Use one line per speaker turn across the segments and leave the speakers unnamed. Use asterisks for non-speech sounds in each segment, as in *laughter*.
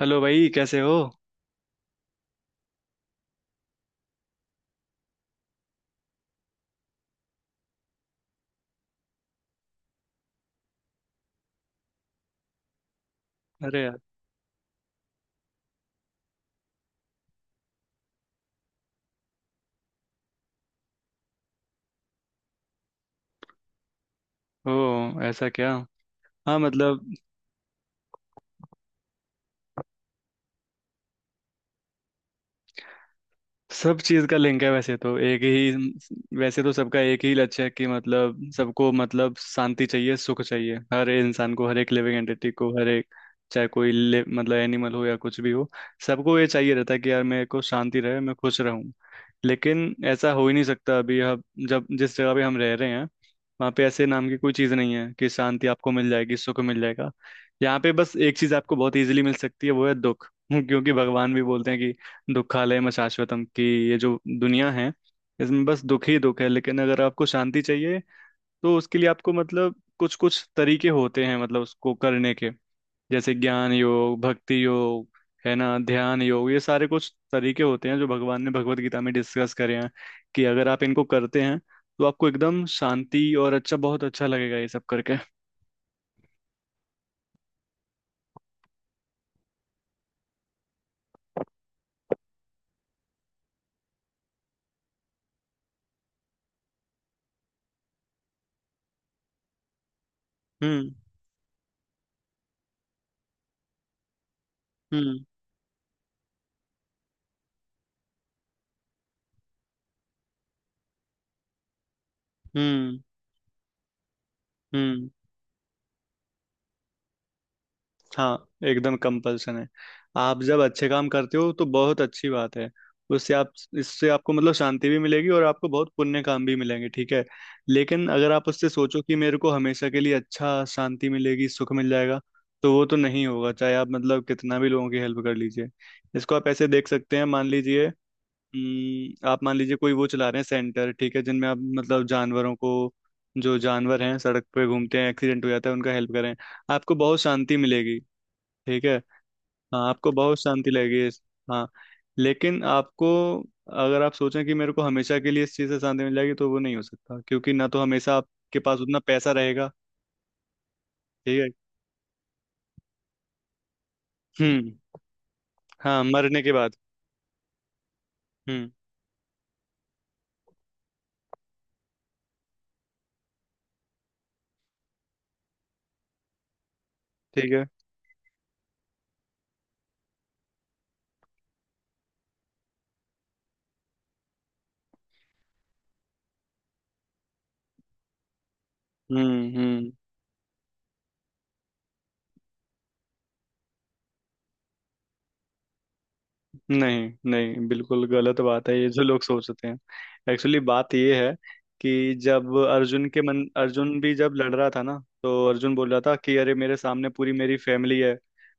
Hello भाई कैसे हो। अरे यार। ओ ऐसा क्या। हाँ मतलब सब चीज़ का लिंक है, वैसे तो सबका एक ही लक्ष्य है कि मतलब सबको मतलब शांति चाहिए, सुख चाहिए, हर इंसान को, हर एक लिविंग एंटिटी को, हर एक चाहे कोई ले, मतलब एनिमल हो या कुछ भी हो। सबको ये चाहिए रहता है कि यार मेरे को शांति रहे, मैं खुश रहूं। लेकिन ऐसा हो ही नहीं सकता। अभी हम जब जिस जगह पे हम रह रहे हैं, वहाँ पे ऐसे नाम की कोई चीज़ नहीं है कि शांति आपको मिल जाएगी, सुख मिल जाएगा। यहाँ पे बस एक चीज़ आपको बहुत इजीली मिल सकती है, वो है दुख। *laughs* क्योंकि भगवान भी बोलते हैं कि दुखालयम शाश्वतम की ये जो दुनिया है, इसमें बस दुख ही दुख है। लेकिन अगर आपको शांति चाहिए, तो उसके लिए आपको मतलब कुछ कुछ तरीके होते हैं, मतलब उसको करने के। जैसे ज्ञान योग, भक्ति योग, है ना, ध्यान योग, ये सारे कुछ तरीके होते हैं जो भगवान ने भगवत गीता में डिस्कस करे हैं कि अगर आप इनको करते हैं तो आपको एकदम शांति और अच्छा, बहुत अच्छा लगेगा ये सब करके। हम्म। हम्म। हम्म। हम्म। हाँ एकदम कंपल्सन है। आप जब अच्छे काम करते हो तो बहुत अच्छी बात है। उससे आप इससे आपको मतलब शांति भी मिलेगी और आपको बहुत पुण्य काम भी मिलेंगे, ठीक है। लेकिन अगर आप उससे सोचो कि मेरे को हमेशा के लिए अच्छा शांति मिलेगी, सुख मिल जाएगा, तो वो तो नहीं होगा, चाहे आप मतलब कितना भी लोगों की हेल्प कर लीजिए। इसको आप ऐसे देख सकते हैं। मान लीजिए आप मान लीजिए कोई वो चला रहे हैं सेंटर, ठीक है, जिनमें आप मतलब जानवरों को, जो जानवर हैं सड़क पे घूमते हैं एक्सीडेंट हो जाता है, उनका हेल्प करें। आपको बहुत शांति मिलेगी। ठीक है। हाँ आपको बहुत शांति लगेगी हाँ। लेकिन आपको अगर आप सोचें कि मेरे को हमेशा के लिए इस चीज़ से शांति मिल जाएगी तो वो नहीं हो सकता, क्योंकि ना तो हमेशा आपके पास उतना पैसा रहेगा। ठीक है। हम्म। हाँ मरने के बाद। हम्म। ठीक है। हम्म। हम्म। नहीं नहीं बिल्कुल गलत बात है ये जो लोग सोचते हैं। एक्चुअली बात ये है कि जब अर्जुन के मन अर्जुन भी जब लड़ रहा था ना, तो अर्जुन बोल रहा था कि अरे मेरे सामने पूरी मेरी फैमिली है,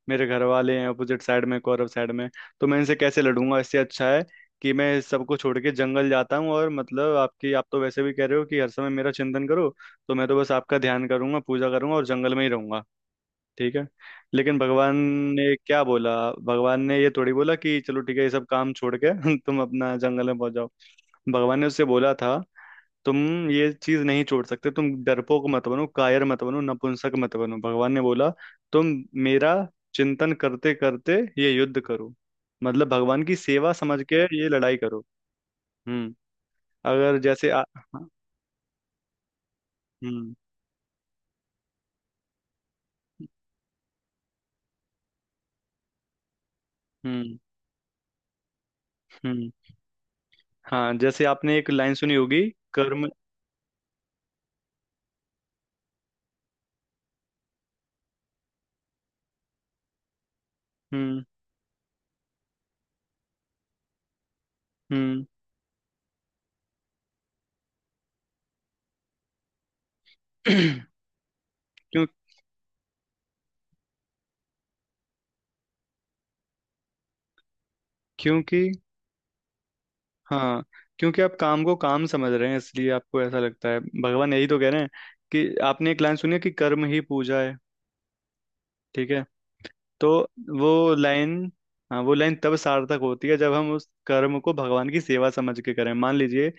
मेरे घर वाले हैं अपोजिट साइड में, कौरव साइड में। तो मैं इनसे कैसे लड़ूंगा, इससे अच्छा है कि मैं सबको छोड़ के जंगल जाता हूँ। और मतलब आपकी, आप तो वैसे भी कह रहे हो कि हर समय मेरा चिंतन करो, तो मैं तो बस आपका ध्यान करूंगा, पूजा करूंगा और जंगल में ही रहूंगा, ठीक है। लेकिन भगवान ने क्या बोला? भगवान ने ये थोड़ी बोला कि चलो ठीक है ये सब काम छोड़ के *laughs* तुम अपना जंगल में पहुंच जाओ। भगवान ने उससे बोला था, तुम ये चीज नहीं छोड़ सकते, तुम डरपोक मत बनो, कायर मत बनो, नपुंसक मत बनो। भगवान ने बोला तुम मेरा चिंतन करते करते ये युद्ध करो, मतलब भगवान की सेवा समझ के ये लड़ाई करो। हम्म। अगर जैसे आ, हाँ। हम्म। हम्म। हम्म। हाँ। जैसे आपने एक लाइन सुनी होगी। कर्म। हम्म। हम्म। *clears throat* क्यों? क्योंकि हाँ क्योंकि आप काम को काम समझ रहे हैं, इसलिए आपको ऐसा लगता है। भगवान यही तो कह रहे हैं कि आपने एक लाइन सुनी है कि कर्म ही पूजा है, ठीक है। तो वो लाइन हाँ वो लाइन तब सार्थक होती है जब हम उस कर्म को भगवान की सेवा समझ के करें। मान लीजिए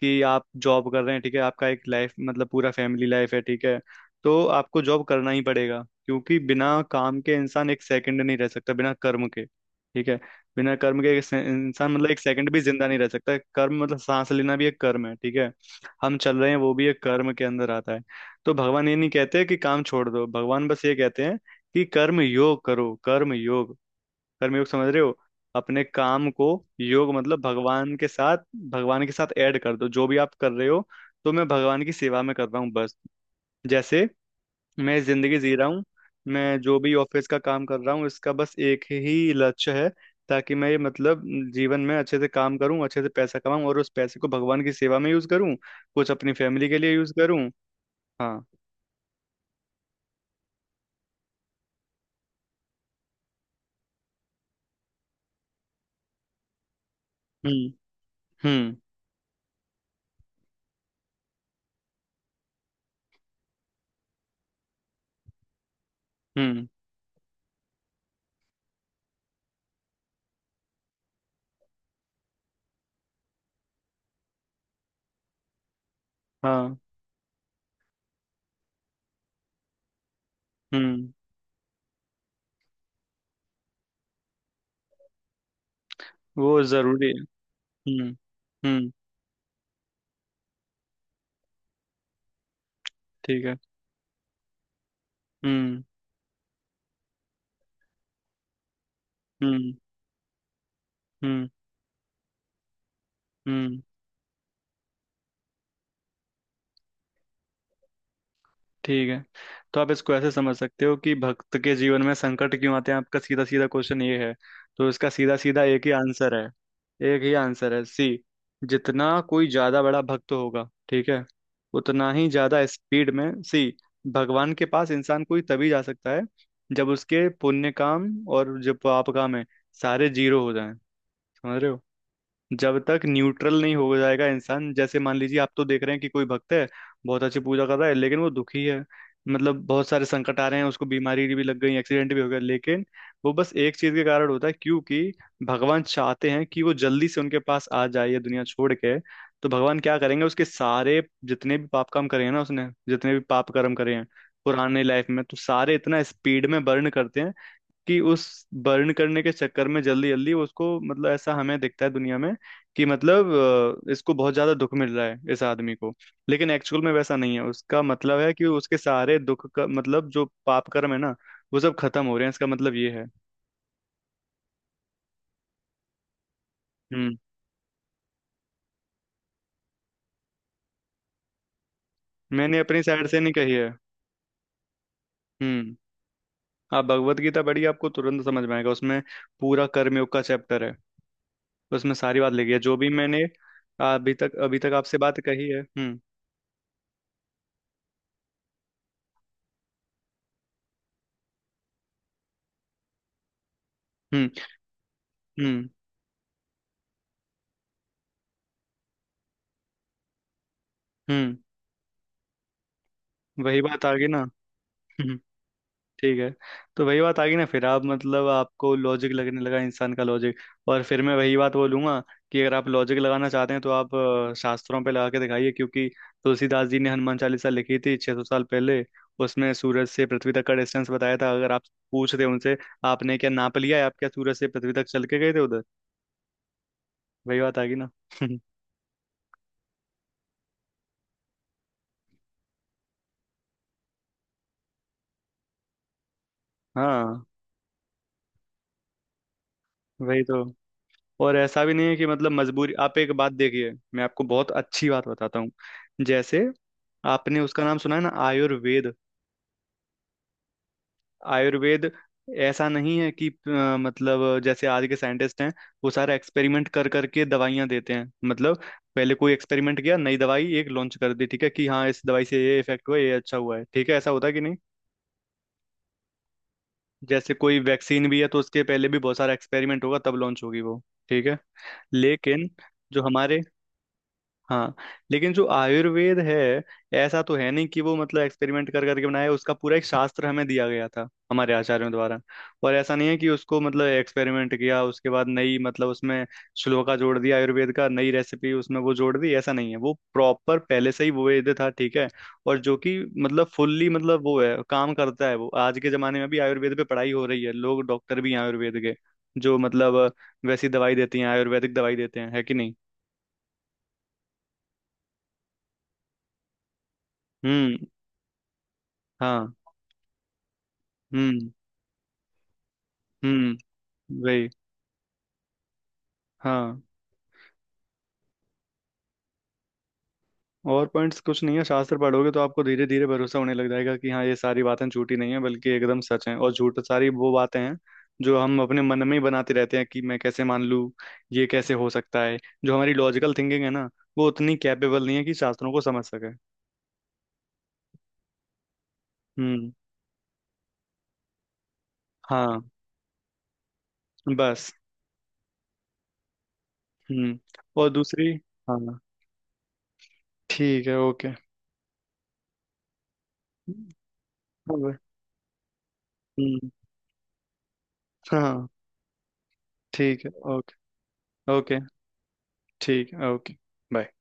कि आप जॉब कर रहे हैं, ठीक है, आपका एक लाइफ मतलब पूरा फैमिली लाइफ है, ठीक है। तो आपको जॉब करना ही पड़ेगा, क्योंकि बिना काम के इंसान एक सेकंड नहीं रह सकता, बिना कर्म के, ठीक है। बिना कर्म के इंसान मतलब एक सेकंड भी जिंदा नहीं रह सकता। कर्म मतलब सांस लेना भी एक कर्म है, ठीक है। हम चल रहे हैं वो भी एक कर्म के अंदर आता है। तो भगवान ये नहीं कहते कि काम छोड़ दो, भगवान बस ये कहते हैं कि कर्म योग करो, कर्म योग। कर्म योग समझ रहे हो? अपने काम को योग मतलब भगवान के साथ, भगवान के साथ ऐड कर दो जो भी आप कर रहे हो। तो मैं भगवान की सेवा में कर रहा हूँ, बस जैसे मैं जिंदगी जी रहा हूँ। मैं जो भी ऑफिस का काम कर रहा हूँ इसका बस एक ही लक्ष्य है ताकि मैं ये मतलब जीवन में अच्छे से काम करूँ, अच्छे से पैसा कमाऊं और उस पैसे को भगवान की सेवा में यूज करूँ, कुछ अपनी फैमिली के लिए यूज करूँ। हाँ। हम्म। हम्म। हम्म। हाँ। हम्म। वो जरूरी। हम्म। हम्म। ठीक है। हम्म। हम्म। हम्म। हम्म। ठीक है तो आप इसको ऐसे समझ सकते हो कि भक्त के जीवन में संकट क्यों आते हैं, आपका सीधा सीधा क्वेश्चन ये है। तो इसका सीधा सीधा एक ही आंसर है। एक ही आंसर है, सी जितना कोई ज्यादा बड़ा भक्त होगा, ठीक है, उतना ही ज्यादा स्पीड में सी भगवान के पास इंसान कोई तभी जा सकता है जब उसके पुण्य काम और जो पाप काम है, सारे जीरो हो जाएं। समझ रहे हो? जब तक न्यूट्रल नहीं हो जाएगा इंसान, जैसे मान लीजिए आप तो देख रहे हैं कि कोई भक्त है, बहुत अच्छी पूजा कर रहा है लेकिन वो दुखी है, मतलब बहुत सारे संकट आ रहे हैं उसको, बीमारी भी लग गई, एक्सीडेंट भी हो गया, लेकिन वो बस एक चीज के कारण होता है, क्योंकि भगवान चाहते हैं कि वो जल्दी से उनके पास आ जाए, ये दुनिया छोड़ के। तो भगवान क्या करेंगे, उसके सारे जितने भी पाप काम करे हैं ना, उसने जितने भी पाप कर्म करे हैं पुराने लाइफ में, तो सारे इतना स्पीड में बर्न करते हैं कि उस बर्न करने के चक्कर में जल्दी जल्दी उसको मतलब ऐसा हमें दिखता है दुनिया में कि मतलब इसको बहुत ज्यादा दुख मिल रहा है इस आदमी को। लेकिन एक्चुअल में वैसा नहीं है, उसका मतलब है कि उसके सारे दुख का मतलब जो पाप कर्म है ना, वो सब खत्म हो रहे हैं, इसका मतलब ये है। हम्म। मैंने अपनी साइड से नहीं कही है। हम्म। आप भगवत गीता पढ़िए, आपको तुरंत समझ में आएगा। उसमें पूरा कर्मयोग का चैप्टर है, उसमें सारी बात लिखी है जो भी मैंने अभी तक आपसे बात कही है। हम्म। हम्म। हम्म। हम्म। वही बात आ गई ना। हम्म। ठीक है। तो वही बात आ गई ना, फिर आप मतलब आपको लॉजिक लगने लगा, इंसान का लॉजिक। और फिर मैं वही बात बोलूंगा कि अगर आप लॉजिक लगाना चाहते हैं तो आप शास्त्रों पे लगा के दिखाइए। क्योंकि तुलसीदास जी ने हनुमान चालीसा लिखी थी 600 साल पहले, उसमें सूरज से पृथ्वी तक का डिस्टेंस बताया था। अगर आप पूछ रहे उनसे, आपने क्या नाप लिया है? आप क्या सूरज से पृथ्वी तक चल के गए थे उधर? वही बात आ गई ना। *laughs* हाँ। वही तो। और ऐसा भी नहीं है कि मतलब मजबूरी। आप एक बात देखिए, मैं आपको बहुत अच्छी बात बताता हूँ। जैसे आपने उसका नाम सुना है ना, आयुर्वेद। आयुर्वेद ऐसा नहीं है कि मतलब जैसे आज के साइंटिस्ट हैं वो सारा एक्सपेरिमेंट कर करके दवाइयां देते हैं, मतलब पहले कोई एक्सपेरिमेंट किया, नई दवाई एक लॉन्च कर दी, ठीक है, कि हाँ इस दवाई से ये इफेक्ट हुआ, ये अच्छा हुआ है, ठीक है, ऐसा होता है कि नहीं। जैसे कोई वैक्सीन भी है तो उसके पहले भी बहुत सारा एक्सपेरिमेंट होगा तब लॉन्च होगी वो, ठीक है। लेकिन जो हमारे हाँ, लेकिन जो आयुर्वेद है, ऐसा तो है नहीं कि वो मतलब एक्सपेरिमेंट कर करके बनाया है, उसका पूरा एक शास्त्र हमें दिया गया था हमारे आचार्यों द्वारा। और ऐसा नहीं है कि उसको मतलब एक्सपेरिमेंट किया उसके बाद नई मतलब उसमें श्लोका जोड़ दिया आयुर्वेद का, नई रेसिपी उसमें वो जोड़ दी, ऐसा नहीं है। वो प्रॉपर पहले से ही वो वेद था, ठीक है। और जो कि मतलब फुल्ली मतलब वो है काम करता है, वो आज के जमाने में भी आयुर्वेद पे पढ़ाई हो रही है, लोग डॉक्टर भी हैं आयुर्वेद के जो मतलब वैसी दवाई देती हैं, आयुर्वेदिक दवाई देते हैं, है कि नहीं। हम्म। हाँ। हम्म। हम्म। वही। हाँ। और पॉइंट्स कुछ नहीं है, शास्त्र पढ़ोगे तो आपको धीरे धीरे भरोसा होने लग जाएगा कि हाँ ये सारी बातें झूठी नहीं है, बल्कि एकदम सच हैं। और झूठ सारी वो बातें हैं जो हम अपने मन में ही बनाते रहते हैं कि मैं कैसे मान लूँ, ये कैसे हो सकता है। जो हमारी लॉजिकल थिंकिंग है ना, वो उतनी कैपेबल नहीं है कि शास्त्रों को समझ सके। हम्म। हाँ। बस। हम्म। और दूसरी। हाँ। ठीक है, ओके। हम्म। हाँ। ठीक है, ओके। ओके। ठीक है, ओके। बाय।